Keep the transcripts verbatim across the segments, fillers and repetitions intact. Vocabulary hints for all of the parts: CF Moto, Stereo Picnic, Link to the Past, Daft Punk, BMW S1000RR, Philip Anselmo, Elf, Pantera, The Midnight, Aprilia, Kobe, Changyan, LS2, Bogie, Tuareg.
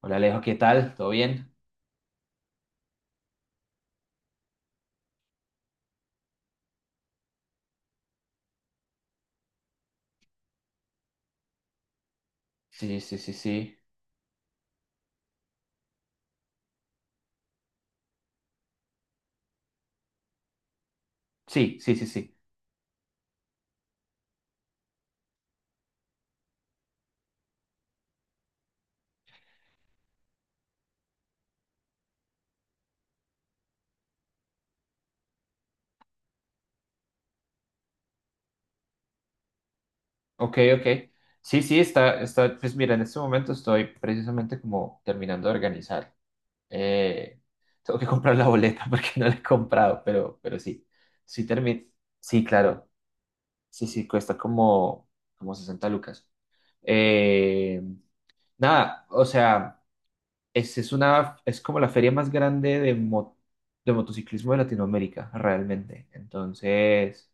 Hola Alejo, ¿qué tal? ¿Todo bien? Sí, sí, sí, sí. Sí, sí, sí, sí. Ok, ok. Sí, sí, está, está, pues mira, en este momento estoy precisamente como terminando de organizar. Eh, Tengo que comprar la boleta porque no la he comprado, pero, pero sí. Sí, termi- sí, claro. Sí, sí, cuesta como, como sesenta lucas. Eh, Nada, o sea, es, es una, es como la feria más grande de, mo- de motociclismo de Latinoamérica, realmente. Entonces.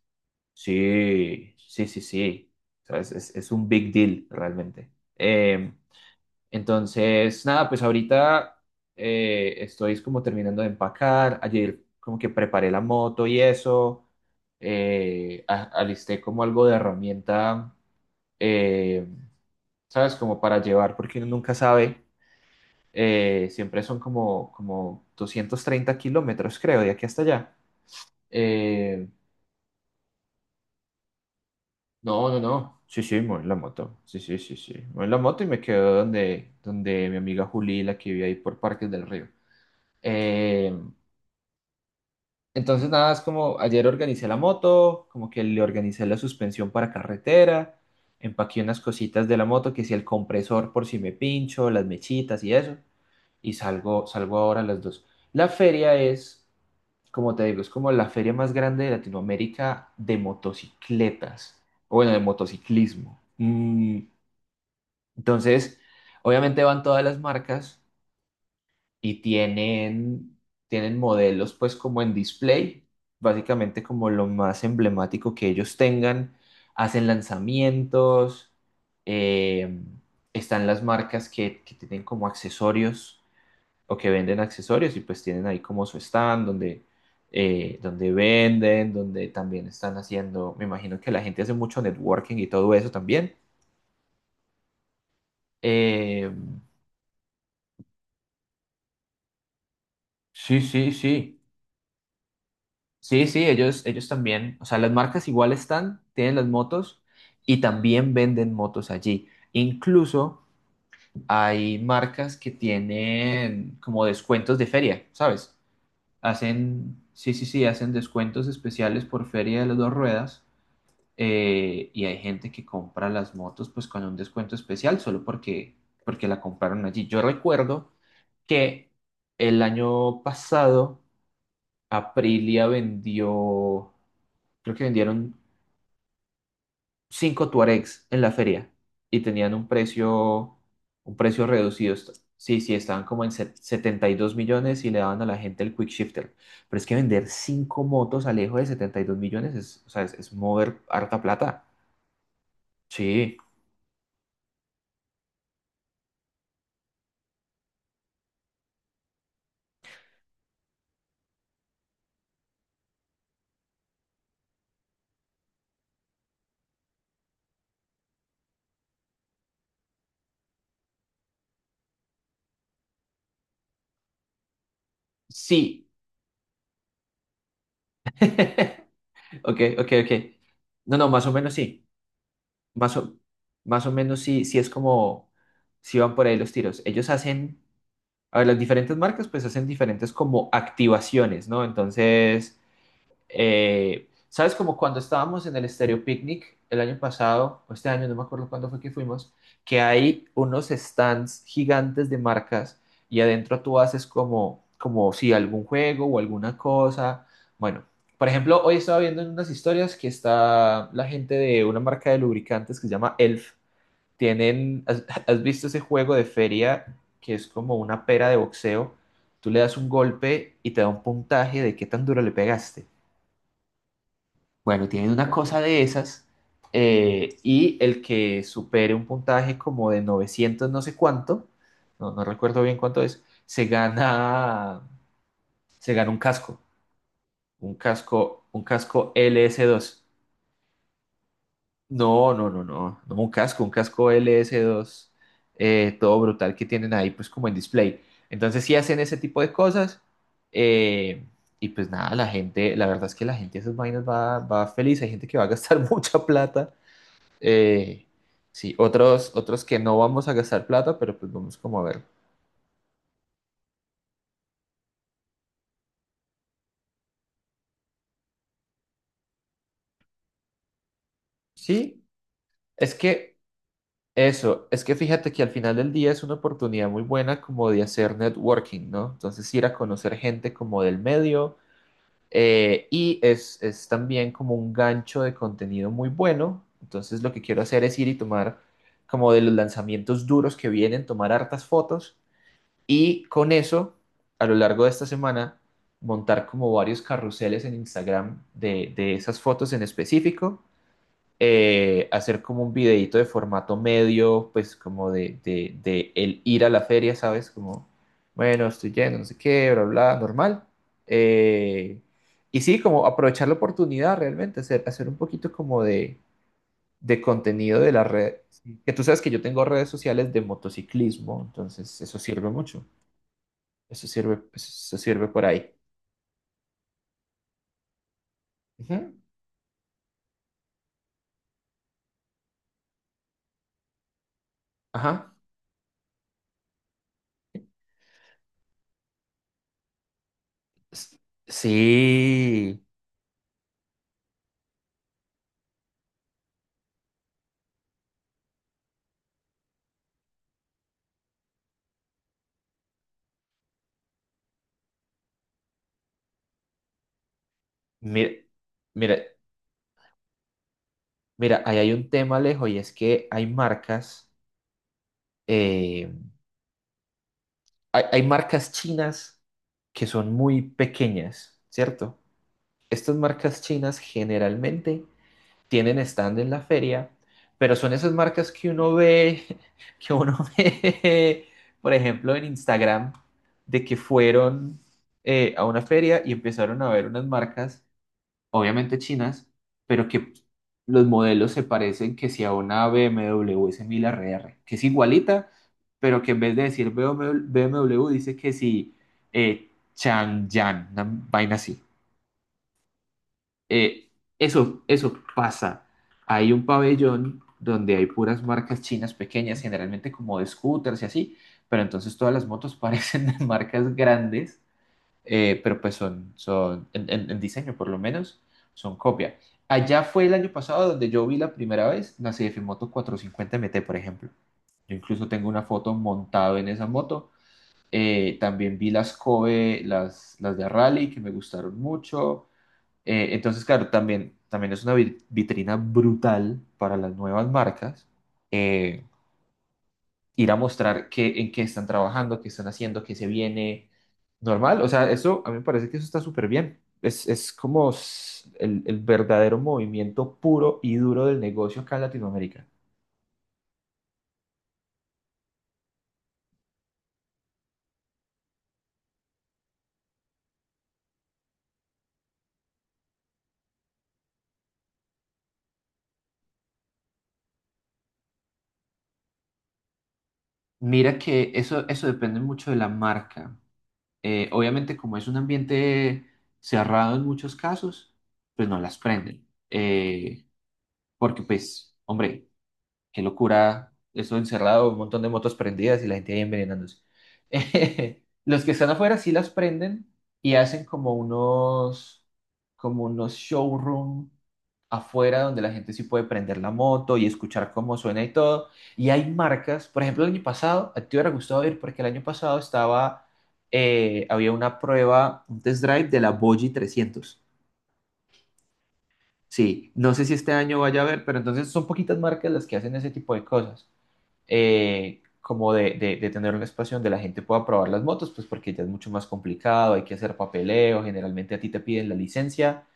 Sí, sí, sí, sí. ¿Sabes? Es, es un big deal realmente. Eh, entonces, nada, pues ahorita eh, estoy como terminando de empacar. Ayer como que preparé la moto y eso. Eh, a- alisté como algo de herramienta, eh, ¿sabes? Como para llevar, porque uno nunca sabe. Eh, siempre son como, como doscientos treinta kilómetros, creo, de aquí hasta allá. Eh, No, no, no. Sí, sí, me la moto. Sí, sí, sí, sí. Me la moto y me quedo donde, donde mi amiga Juli, la que vive ahí por Parques del Río. Eh, entonces, nada, es como ayer organicé la moto, como que le organicé la suspensión para carretera, empaqué unas cositas de la moto, que si el compresor por si me pincho, las mechitas y eso, y salgo, salgo ahora a las dos. La feria es, como te digo, es como la feria más grande de Latinoamérica de motocicletas, o bueno, de motociclismo. Mm, Entonces, obviamente van todas las marcas y tienen, tienen modelos pues como en display, básicamente como lo más emblemático que ellos tengan, hacen lanzamientos, eh, están las marcas que, que tienen como accesorios o que venden accesorios y pues tienen ahí como su stand donde, eh, donde venden, donde también están haciendo, me imagino que la gente hace mucho networking y todo eso también. Eh, sí, sí, sí. Sí, sí, ellos, ellos también, o sea, las marcas igual están, tienen las motos y también venden motos allí. Incluso hay marcas que tienen como descuentos de feria, ¿sabes? Hacen, sí, sí, sí, hacen descuentos especiales por feria de las dos ruedas, eh, y hay gente que compra las motos pues con un descuento especial solo porque, porque la compraron allí. Yo recuerdo que el año pasado Aprilia vendió, creo que vendieron cinco Tuaregs en la feria y tenían un precio, un precio reducido. Est- Sí, sí, estaban como en set- setenta y dos millones y le daban a la gente el quick shifter. Pero es que vender cinco motos al Alejo de setenta y dos millones es, o sea, es, es mover harta plata. Sí, sí. Ok, ok, ok. No, no, más o menos sí. Más o, Más o menos sí, sí es como, si van por ahí los tiros. Ellos hacen A ver, las diferentes marcas pues hacen diferentes como activaciones, ¿no? Entonces, eh, ¿sabes? Como cuando estábamos en el Stereo Picnic el año pasado, o este año, no me acuerdo cuándo fue que fuimos, que hay unos stands gigantes de marcas y adentro tú haces como, como si algún juego o alguna cosa. Bueno, por ejemplo, hoy estaba viendo en unas historias que está la gente de una marca de lubricantes que se llama Elf tienen, ¿has, has visto ese juego de feria que es como una pera de boxeo? Tú le das un golpe y te da un puntaje de qué tan duro le pegaste. Bueno, tienen una cosa de esas, eh, y el que supere un puntaje como de novecientos no sé cuánto, no, no recuerdo bien cuánto es, se gana, se gana un casco, un casco, un casco L S dos. No, no, no, no, no, un casco, un casco L S dos, eh, todo brutal que tienen ahí, pues como en display. Entonces sí hacen ese tipo de cosas, eh, y pues nada, la gente, la verdad es que la gente a esas vainas va, va feliz, hay gente que va a gastar mucha plata, eh, sí, otros, otros que no vamos a gastar plata, pero pues vamos como a ver. Sí, es que eso, es que fíjate que al final del día es una oportunidad muy buena como de hacer networking, ¿no? Entonces ir a conocer gente como del medio. Eh, y es, es también como un gancho de contenido muy bueno. Entonces lo que quiero hacer es ir y tomar como de los lanzamientos duros que vienen, tomar hartas fotos y con eso, a lo largo de esta semana, montar como varios carruseles en Instagram de, de esas fotos en específico, eh, hacer como un videíto de formato medio, pues como de, de, de el ir a la feria, ¿sabes? Como, bueno, estoy yendo, no sé qué, bla, bla, normal. Eh, y sí, como aprovechar la oportunidad realmente, hacer, hacer un poquito como de, de contenido de la red. Sí. Que tú sabes que yo tengo redes sociales de motociclismo, entonces eso sirve mucho. Eso sirve, eso sirve por ahí. Ujú. Ajá. S- Sí. Mira, mira. Mira, ahí hay un tema, Alejo, y es que hay marcas, eh, hay, hay marcas chinas que son muy pequeñas, ¿cierto? Estas marcas chinas generalmente tienen stand en la feria, pero son esas marcas que uno ve, que uno ve, por ejemplo, en Instagram, de que fueron, eh, a una feria y empezaron a ver unas marcas obviamente chinas, pero que los modelos se parecen que si a una B M W S mil R R, que es igualita, pero que en vez de decir B M W dice que si, eh, Changyan, una vaina así. Eh, eso, eso pasa. Hay un pabellón donde hay puras marcas chinas pequeñas, generalmente como de scooters y así, pero entonces todas las motos parecen de marcas grandes, eh, pero pues son, son en, en- en diseño por lo menos, son copia. Allá fue el año pasado donde yo vi la primera vez la C F Moto cuatrocientos cincuenta M T, por ejemplo. Yo incluso tengo una foto montado en esa moto. Eh, también vi las Kobe, las, las de Rally, que me gustaron mucho. Eh, entonces, claro, también, también es una vi- vitrina brutal para las nuevas marcas. Eh, Ir a mostrar qué, en qué están trabajando, qué están haciendo, qué se viene, normal. O sea, eso a mí me parece que eso está súper bien. Es, es como s- el, el verdadero movimiento puro y duro del negocio acá en Latinoamérica. Mira que eso, eso depende mucho de la marca. Eh, obviamente, como es un ambiente cerrado en muchos casos, pues no las prenden. Eh, porque, pues, hombre, qué locura, eso encerrado, un montón de motos prendidas y la gente ahí envenenándose. Eh, los que están afuera sí las prenden y hacen como unos, como unos showroom afuera donde la gente sí puede prender la moto y escuchar cómo suena y todo. Y hay marcas, por ejemplo, el año pasado, a ti te hubiera gustado ir porque el año pasado estaba, eh, había una prueba, un test drive de la Bogie trescientos. Sí, no sé si este año vaya a haber, pero entonces son poquitas marcas las que hacen ese tipo de cosas, eh, como de, de- de tener un espacio donde la gente pueda probar las motos, pues porque ya es mucho más complicado, hay que hacer papeleo, generalmente a ti te piden la licencia,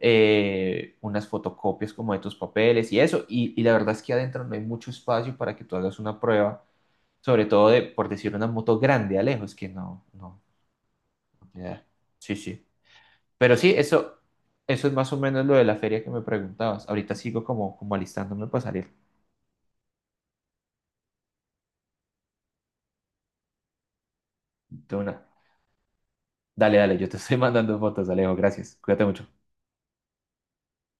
eh, unas fotocopias como de tus papeles y eso, y, y la verdad es que adentro no hay mucho espacio para que tú hagas una prueba, sobre todo de, por decir, una moto grande, Alejo, es que no, no, no te da. Sí, sí. Pero sí, eso, eso es más o menos lo de la feria que me preguntabas. Ahorita sigo como, como alistándome para salir de una. Dale, dale, yo te estoy mandando fotos, Alejo, gracias. Cuídate mucho.